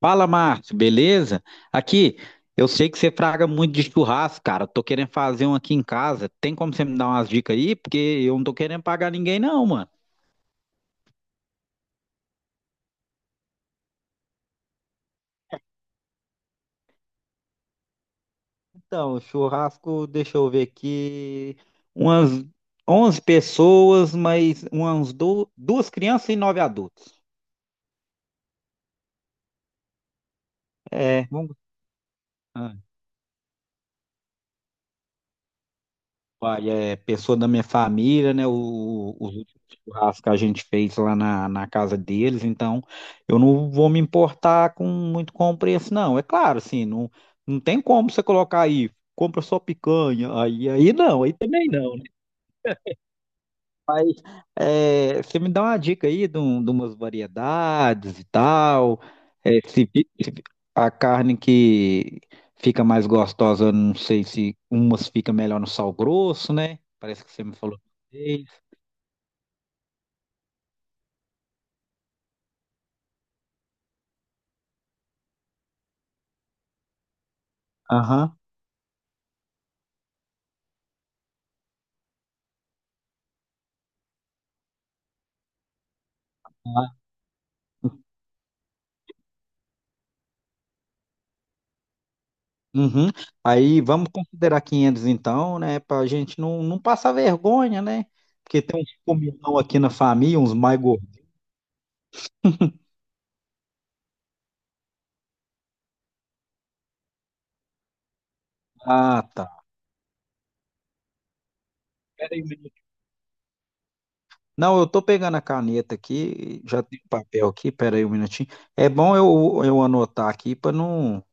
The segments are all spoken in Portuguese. Fala, Márcio, beleza? Aqui, eu sei que você fraga muito de churrasco, cara. Tô querendo fazer um aqui em casa. Tem como você me dar umas dicas aí? Porque eu não tô querendo pagar ninguém, não, mano. Então, churrasco, deixa eu ver aqui. Umas 11 pessoas, mas umas duas crianças e nove adultos. É, vamos. Olha, é pessoa da minha família, né? Os últimos churrascos que a gente fez lá na casa deles, então eu não vou me importar com muito com o preço, não. É claro, assim, não tem como você colocar aí, compra só picanha, aí não, aí também não, né? É, você me dá uma dica aí de umas variedades e tal. É, se, fi- se fi- a carne que fica mais gostosa, eu não sei se umas fica melhor no sal grosso, né? Parece que você me falou. Aham. Ah, uhum. Aí vamos considerar 500 então, né? Pra gente não passar vergonha, né? Porque tem uns comilão aqui na família, uns mais gordos. Ah, tá. Não, eu tô pegando a caneta aqui, já tem o papel aqui, pera aí um minutinho. É bom eu anotar aqui para não,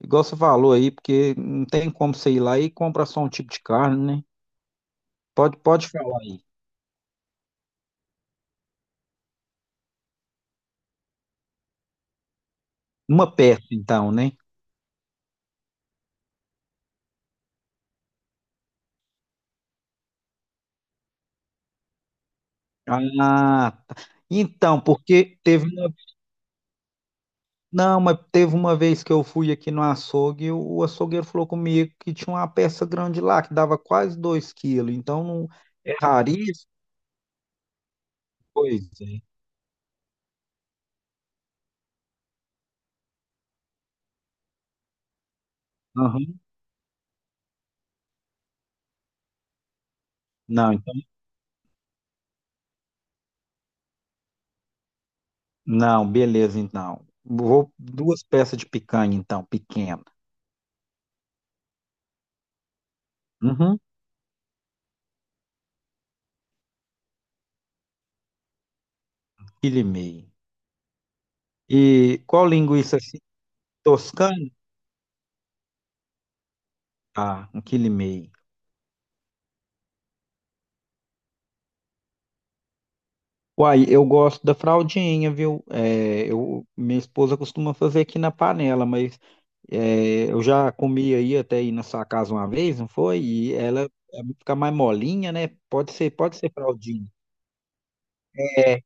igual você falou aí, porque não tem como você ir lá e comprar só um tipo de carne, né? Pode falar aí. Uma peça, então, né? Ah, tá. Então, porque teve uma, não, mas teve uma vez que eu fui aqui no açougue e o açougueiro falou comigo que tinha uma peça grande lá, que dava quase 2 quilos, então não é raríssimo, pois é. Aham. Não, não, beleza, então. Vou duas peças de picanha, então, pequena. Uhum, quilo e meio. E qual linguiça assim? Toscana? Ah, um quilo e meio. Uai, eu gosto da fraldinha, viu? É, minha esposa costuma fazer aqui na panela, mas eu já comi aí até ir na sua casa uma vez, não foi? E ela é, fica mais molinha, né? Pode ser fraldinha. É,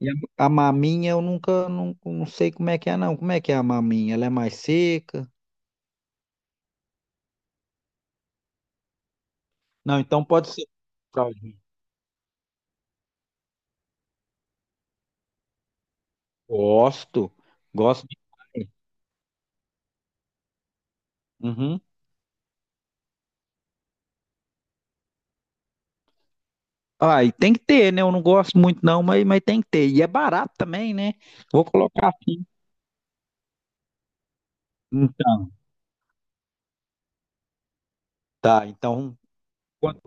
e a maminha eu nunca, não sei como é que é, não. Como é que é a maminha? Ela é mais seca? Não, então pode ser fraldinha. Gosto, gosto de. Uhum. Ah, e tem que ter, né? Eu não gosto muito não, mas tem que ter. E é barato também, né? Vou colocar aqui. Então, tá. Então, quant-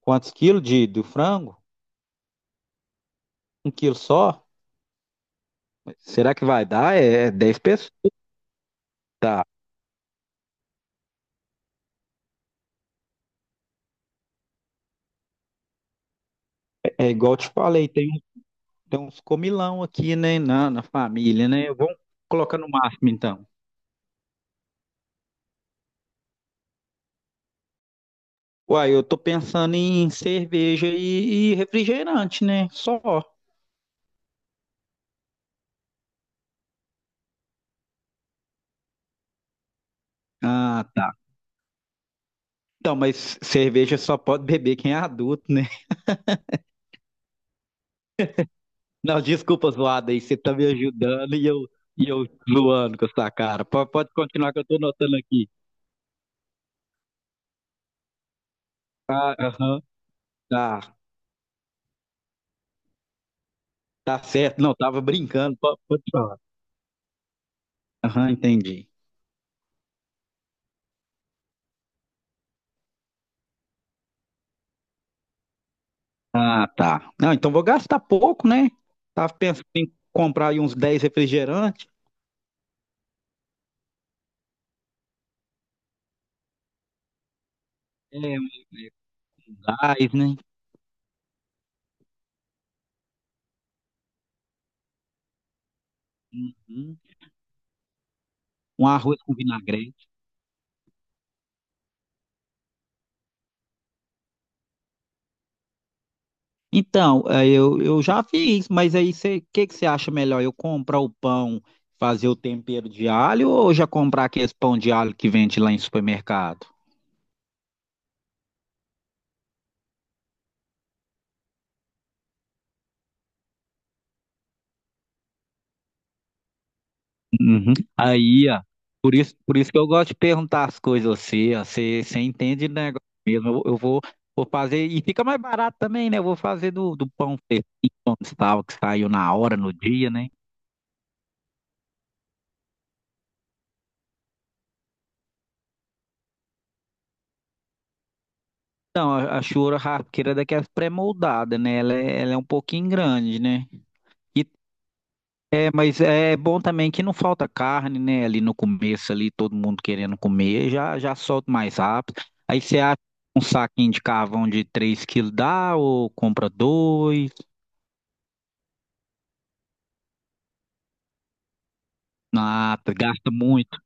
quantos quilos do frango? 1 quilo só? Será que vai dar? É 10 pessoas? Tá. É igual eu te falei, tem uns comilão aqui, né? Na família, né? Vamos colocar no máximo, então. Uai, eu tô pensando em cerveja e refrigerante, né? Só. Ah, tá. Então, mas cerveja só pode beber quem é adulto, né? Não, desculpa, zoada aí. Você tá me ajudando e eu, zoando com essa cara. Pode continuar que eu tô notando aqui. Ah, aham, tá. Tá certo. Não, tava brincando. Pode falar. Aham, entendi. Ah, tá. Não, então vou gastar pouco, né? Tava pensando em comprar aí uns 10 refrigerantes. É, um gás, né? Uhum. Um arroz com vinagrete. Então, eu já fiz, mas aí o que que você acha melhor? Eu comprar o pão, fazer o tempero de alho ou já comprar aquele pão de alho que vende lá em supermercado? Uhum. Aí, ó, por isso que eu gosto de perguntar as coisas a você, ó, você entende de negócio mesmo. Eu vou fazer, e fica mais barato também, né? Eu vou fazer do pão feijão de sal que saiu na hora, no dia, né? Então, a churrasqueira é daquelas pré-moldadas, né? Ela é um pouquinho grande, né? E mas é bom também que não falta carne, né? Ali no começo, ali todo mundo querendo comer, já já solta mais rápido. Aí você acha um saquinho de carvão de 3 quilos dá ou compra dois? Ah, gasta muito.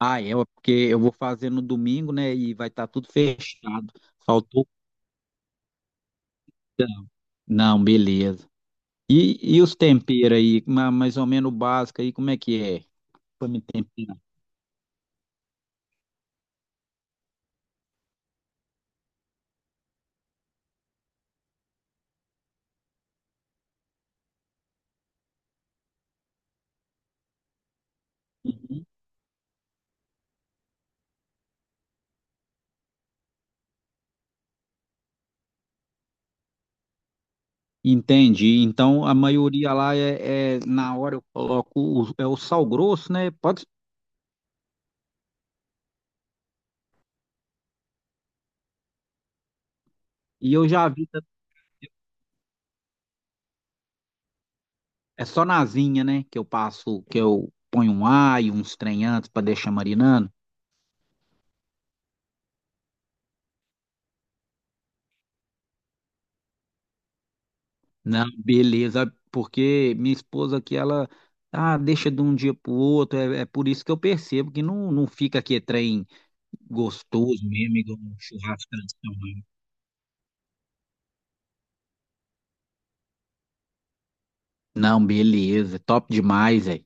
Ah, é, ué, porque eu vou fazer no domingo, né? E vai estar tudo fechado. Faltou. Não, beleza. E os temperos aí, mais ou menos o básico aí, como é que é? Pra me temperar. Entendi. Então a maioria lá na hora eu coloco o, é o sal grosso, né? Pode, e eu já vi, é só na asinha, né? Que eu passo, que eu ponho um alho, uns trem antes para deixar marinando. Não, beleza, porque minha esposa aqui, ela deixa de um dia pro outro, é por isso que eu percebo que não fica aqui trem gostoso mesmo, igual um churrasco tradicional. Não, beleza, top demais, velho.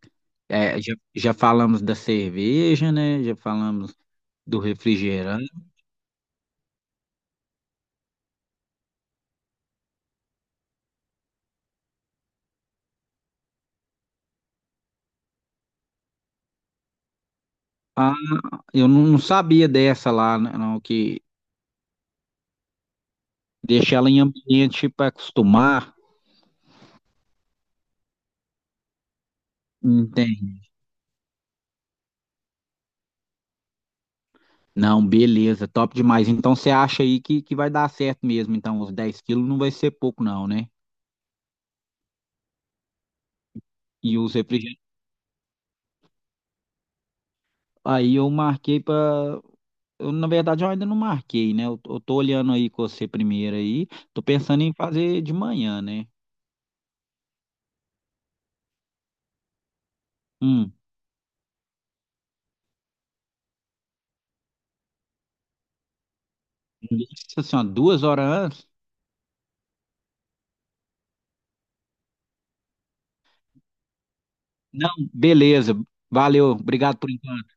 É, já falamos da cerveja, né? Já falamos do refrigerante. Ah, eu não sabia dessa lá, né, não, que deixa ela em ambiente para acostumar. Entende. Não, beleza, top demais. Então você acha aí que vai dar certo mesmo. Então, os 10 quilos não vai ser pouco, não, né? E os refrigerantes. Aí eu marquei para. Eu, na verdade, eu ainda não marquei, né? Eu tô olhando aí com você primeiro aí. Tô pensando em fazer de manhã, né? Hum. Nossa senhora, 2 horas antes? Não, beleza. Valeu, obrigado por enquanto.